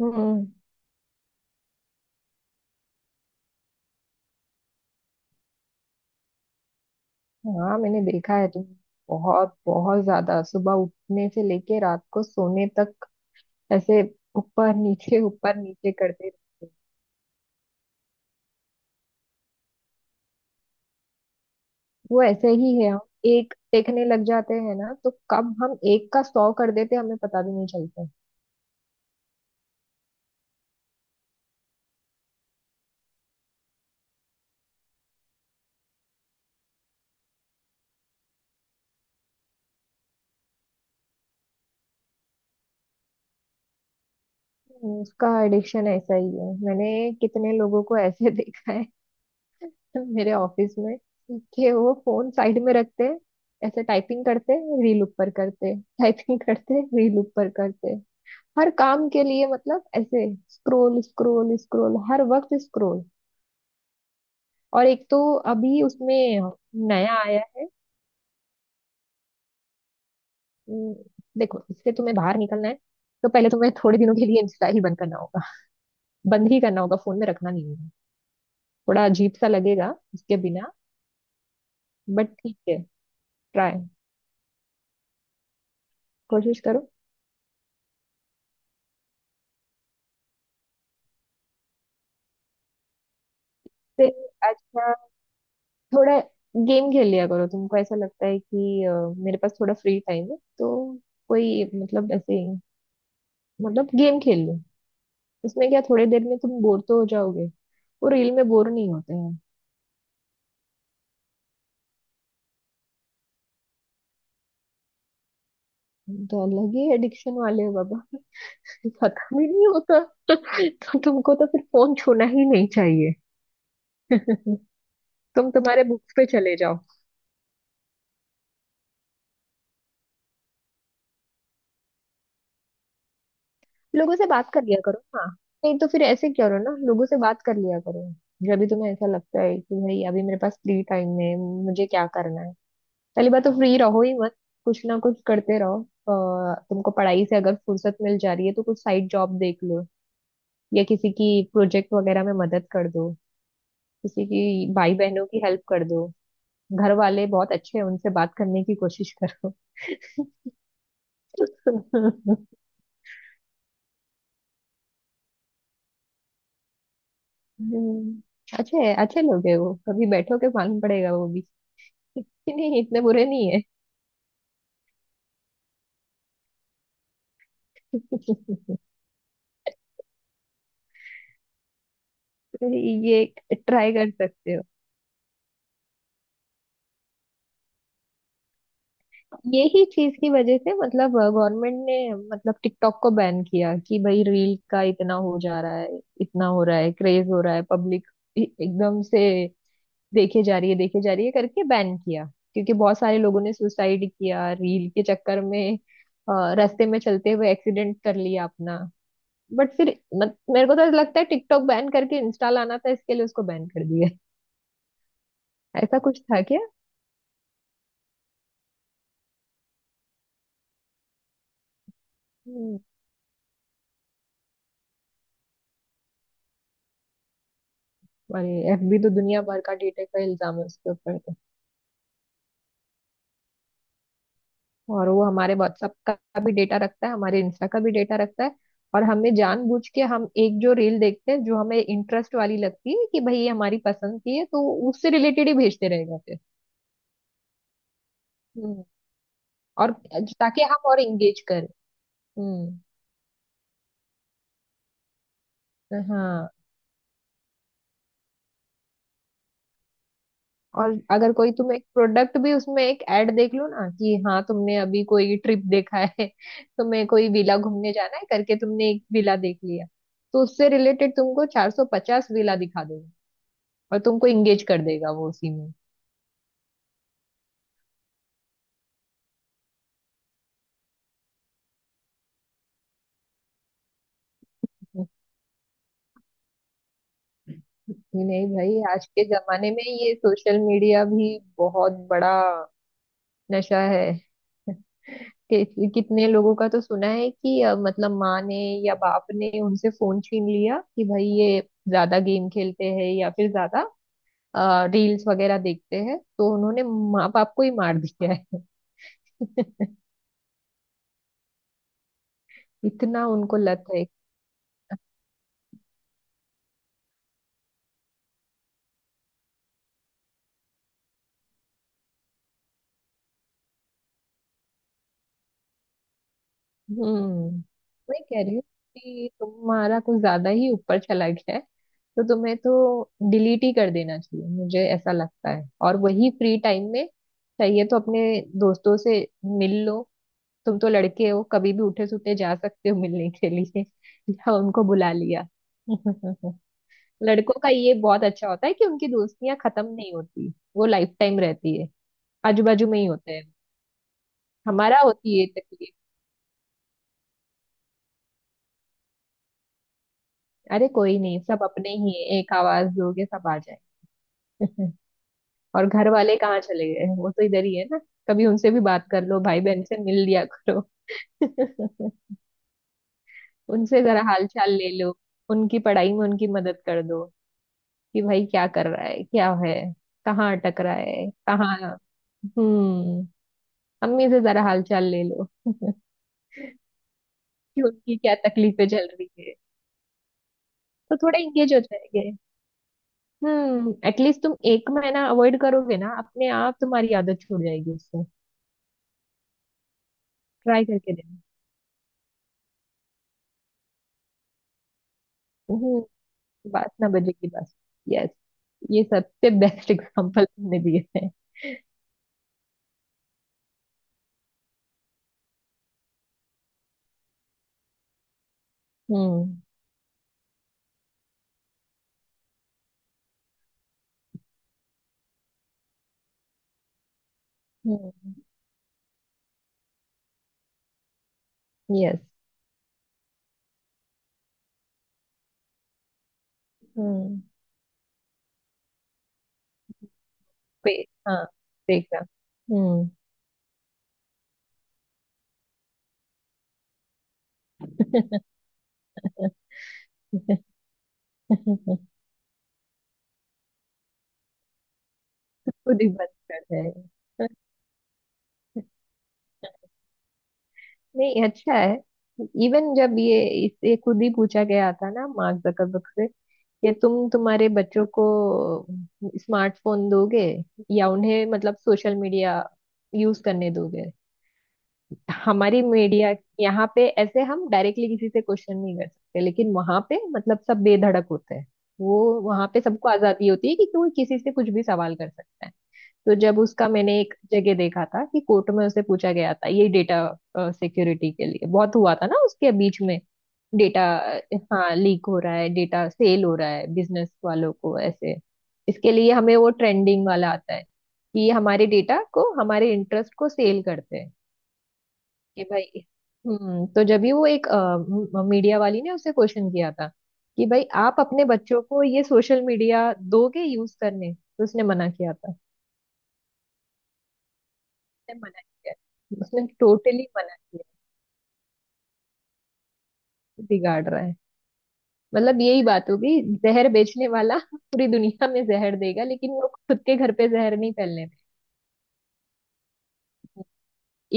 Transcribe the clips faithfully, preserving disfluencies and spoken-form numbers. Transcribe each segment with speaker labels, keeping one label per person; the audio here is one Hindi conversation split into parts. Speaker 1: हम्म। हाँ, मैंने देखा है। तुम बहुत बहुत ज्यादा, सुबह उठने से लेके रात को सोने तक ऐसे ऊपर नीचे ऊपर नीचे करते रहते हैं। वो ऐसे ही है। हम एक देखने लग जाते हैं ना, तो कब हम एक का सौ कर देते हैं, हमें पता भी नहीं चलता। हम्म, उसका एडिक्शन ऐसा ही है। मैंने कितने लोगों को ऐसे देखा है मेरे ऑफिस में, कि वो फोन साइड में रखते हैं, ऐसे टाइपिंग करते रील ऊपर करते, टाइपिंग करते रील ऊपर करते, हर काम के लिए मतलब ऐसे। स्क्रोल स्क्रोल स्क्रोल, हर वक्त स्क्रोल। और एक तो अभी उसमें नया आया है। उम, देखो, इससे तुम्हें बाहर निकलना है, तो पहले तुम्हें थोड़े दिनों के लिए इंस्टा ही बंद करना होगा। बंद ही करना होगा, फोन में रखना नहीं होगा। थोड़ा अजीब सा लगेगा उसके बिना, बट ठीक है। ट्राई कोशिश करो। फिर अच्छा, थोड़ा गेम खेल लिया करो। तुमको ऐसा लगता है कि अ, मेरे पास थोड़ा फ्री टाइम है, तो कोई, मतलब ऐसे, मतलब गेम खेल लो। उसमें क्या, थोड़ी देर में तुम बोर तो हो जाओगे। वो रील में बोर नहीं होते हैं। तुम तो अलग ही एडिक्शन वाले हो बाबा। खत्म ही नहीं होता। तो तुमको तो फिर फोन छूना ही नहीं चाहिए। तुम तुम्हारे बुक्स पे चले जाओ। लोगों से बात कर लिया करो ना। नहीं तो फिर ऐसे क्या करो ना, लोगों से बात कर लिया करो। जब भी तुम्हें ऐसा लगता है कि भाई अभी मेरे पास फ्री टाइम है, मुझे क्या करना है, पहली बात तो फ्री रहो ही मत। कुछ ना कुछ करते रहो। अ, तुमको पढ़ाई से अगर फुर्सत मिल जा रही है, तो कुछ साइड जॉब देख लो, या किसी की प्रोजेक्ट वगैरह में मदद कर दो। किसी की, भाई बहनों की हेल्प कर दो। घर वाले बहुत अच्छे हैं, उनसे बात करने की कोशिश करो। हम्म, अच्छे अच्छे लोग है वो, कभी बैठो के मालूम पड़ेगा वो भी। कि नहीं, इतने बुरे नहीं है। ये ट्राई कर सकते हो। यही चीज की वजह से मतलब गवर्नमेंट ने, मतलब टिकटॉक को बैन किया, कि भाई रील का इतना हो जा रहा है, इतना हो रहा है, क्रेज हो रहा है, पब्लिक एकदम से देखे जा रही है देखे जा रही है करके बैन किया। क्योंकि बहुत सारे लोगों ने सुसाइड किया रील के चक्कर में, अ, रास्ते में चलते हुए एक्सीडेंट कर लिया अपना। बट फिर मत, मेरे को तो ऐसा लगता है, टिकटॉक बैन करके इंस्टा लाना था, इसके लिए उसको बैन कर दिया। ऐसा कुछ था क्या? हम्म, अरे एफबी तो दुनिया भर का डेटा का इल्जाम है उसके ऊपर तो। और वो हमारे व्हाट्सएप का भी डेटा रखता है, हमारे इंस्टा का भी डेटा रखता है। और हमें जानबूझ के, हम एक जो रील देखते हैं जो हमें इंटरेस्ट वाली लगती है कि भाई ये हमारी पसंद की है, तो उससे रिलेटेड ही भेजते रहेगा फिर। हम्म। और ताकि हम और इंगेज करें। हम्म। हाँ। और अगर कोई, तुम एक प्रोडक्ट भी उसमें, एक ऐड देख लो ना कि हाँ तुमने अभी कोई ट्रिप देखा है, तुम्हें कोई विला घूमने जाना है करके तुमने एक विला देख लिया, तो उससे रिलेटेड तुमको चार सौ पचास विला दिखा। और तुमको इंगेज कर देगा वो उसी में। नहीं भाई, आज के जमाने में ये सोशल मीडिया भी बहुत बड़ा नशा है। कि- कितने लोगों का तो सुना है कि अ, मतलब माँ ने या बाप ने उनसे फोन छीन लिया कि भाई ये ज्यादा गेम खेलते हैं या फिर ज्यादा रील्स वगैरह देखते हैं, तो उन्होंने माँ बाप को ही मार दिया है। इतना उनको लत है। हम्म। मैं कह रही हूँ कि तुम्हारा कुछ ज्यादा ही ऊपर चला गया है, तो तुम्हें तो डिलीट ही कर देना चाहिए, मुझे ऐसा लगता है। और वही फ्री टाइम में चाहिए, तो अपने दोस्तों से मिल लो। तुम तो लड़के हो, कभी भी उठे सुठे जा सकते हो मिलने के लिए, या उनको बुला लिया। लड़कों का ये बहुत अच्छा होता है कि उनकी दोस्तियां खत्म नहीं होती। वो लाइफ टाइम रहती है, आजू बाजू में ही होते हैं। हमारा होती है तकलीफ। अरे कोई नहीं, सब अपने ही हैं। एक आवाज दोगे सब आ जाए। और घर वाले कहाँ चले गए, वो तो इधर ही है ना। कभी उनसे भी बात कर लो, भाई बहन से मिल लिया करो। उनसे जरा हाल चाल ले लो। उनकी पढ़ाई में उनकी मदद कर दो, कि भाई क्या कर रहा है, क्या है, कहाँ अटक रहा है कहाँ। हम्म। अम्मी से जरा हाल चाल ले लो, कि उनकी क्या तकलीफें चल रही है। तो थोड़ा इंगेज हो जाएंगे। हम्म, एटलीस्ट तुम एक महीना अवॉइड करोगे ना, अपने आप तुम्हारी आदत छूट जाएगी उससे। ट्राई करके देना। हम्म, बात ना बजे की बात। यस, ये सबसे बेस्ट एग्जांपल तुमने दिए हैं। हम्म। हम्म। यस। हम्म। पे। हाँ, देखना। हम्म। खुद ही बंद कर जाएगा। नहीं, अच्छा है। इवन जब ये, इससे खुद ही पूछा गया था ना मार्क जकरबर्ग से, कि तुम तुम्हारे बच्चों को स्मार्टफोन दोगे, या उन्हें मतलब सोशल मीडिया यूज करने दोगे। हमारी मीडिया यहाँ पे, ऐसे हम डायरेक्टली किसी से क्वेश्चन नहीं कर सकते, लेकिन वहां पे मतलब सब बेधड़क होते हैं। वो वहां पे सबको आजादी होती है कि कोई किसी से कुछ भी सवाल कर सकता है। तो जब उसका मैंने एक जगह देखा था, कि कोर्ट में उसे पूछा गया था, ये डेटा सिक्योरिटी के लिए बहुत हुआ था ना उसके बीच में। डेटा, हाँ, लीक हो रहा है, डेटा सेल हो रहा है बिजनेस वालों को ऐसे। इसके लिए हमें वो ट्रेंडिंग वाला आता है, कि हमारे डेटा को हमारे इंटरेस्ट को सेल करते हैं, कि भाई। हम्म, तो जब भी वो एक मीडिया वाली ने उसे क्वेश्चन किया था, कि भाई आप अपने बच्चों को ये सोशल मीडिया दोगे यूज करने, तो उसने मना किया था। उसने मना किया। उसने टोटली मना किया। बिगाड़ रहा है, मतलब यही बात होगी। जहर बेचने वाला पूरी दुनिया में जहर देगा, लेकिन वो खुद के घर पे जहर नहीं फैलने देगा।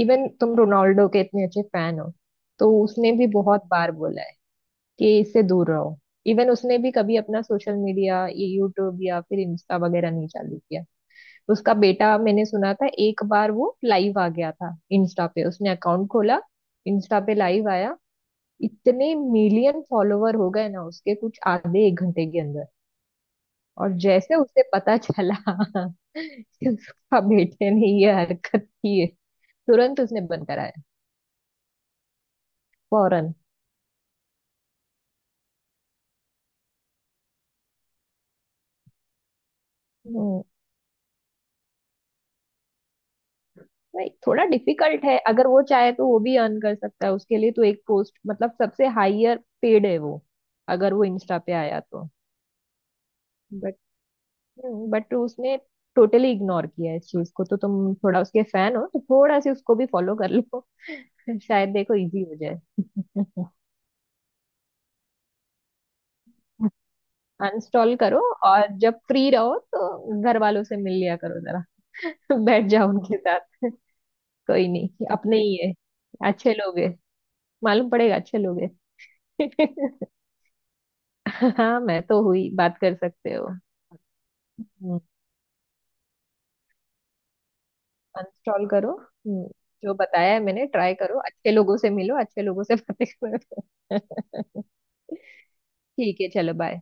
Speaker 1: इवन तुम रोनाल्डो के इतने अच्छे फैन हो, तो उसने भी बहुत बार बोला है कि इससे दूर रहो। इवन उसने भी कभी अपना सोशल मीडिया, ये यूट्यूब या फिर इंस्टा वगैरह नहीं चालू किया। उसका बेटा, मैंने सुना था, एक बार वो लाइव आ गया था इंस्टा पे, उसने अकाउंट खोला, इंस्टा पे लाइव आया। इतने मिलियन फॉलोवर हो गए ना उसके कुछ आधे एक घंटे के अंदर। और जैसे उसे पता चला कि उसका बेटे ने ये हरकत की है, तुरंत उसने बंद कराया। फौरन। हम्म, नहीं, थोड़ा डिफिकल्ट है। अगर वो चाहे तो वो भी अर्न कर सकता है, उसके लिए तो। एक पोस्ट मतलब सबसे हाईयर पेड है वो, अगर वो इंस्टा पे आया तो। बट बट उसने टोटली इग्नोर किया इस चीज को, तो तुम थोड़ा उसके फैन हो तो थोड़ा सी उसको भी फॉलो कर लो, शायद देखो इजी हो जाए। अनस्टॉल करो। और जब फ्री रहो तो घर वालों से मिल लिया करो जरा। बैठ जाओ उनके साथ। कोई नहीं, अपने ही है, अच्छे लोग है, मालूम पड़ेगा अच्छे लोग है। हाँ, मैं तो हुई, बात कर सकते हो। अनस्टॉल करो। हम्म, जो बताया है मैंने ट्राई करो, अच्छे लोगों से मिलो, अच्छे लोगों से बातें करो। ठीक है, चलो, बाय।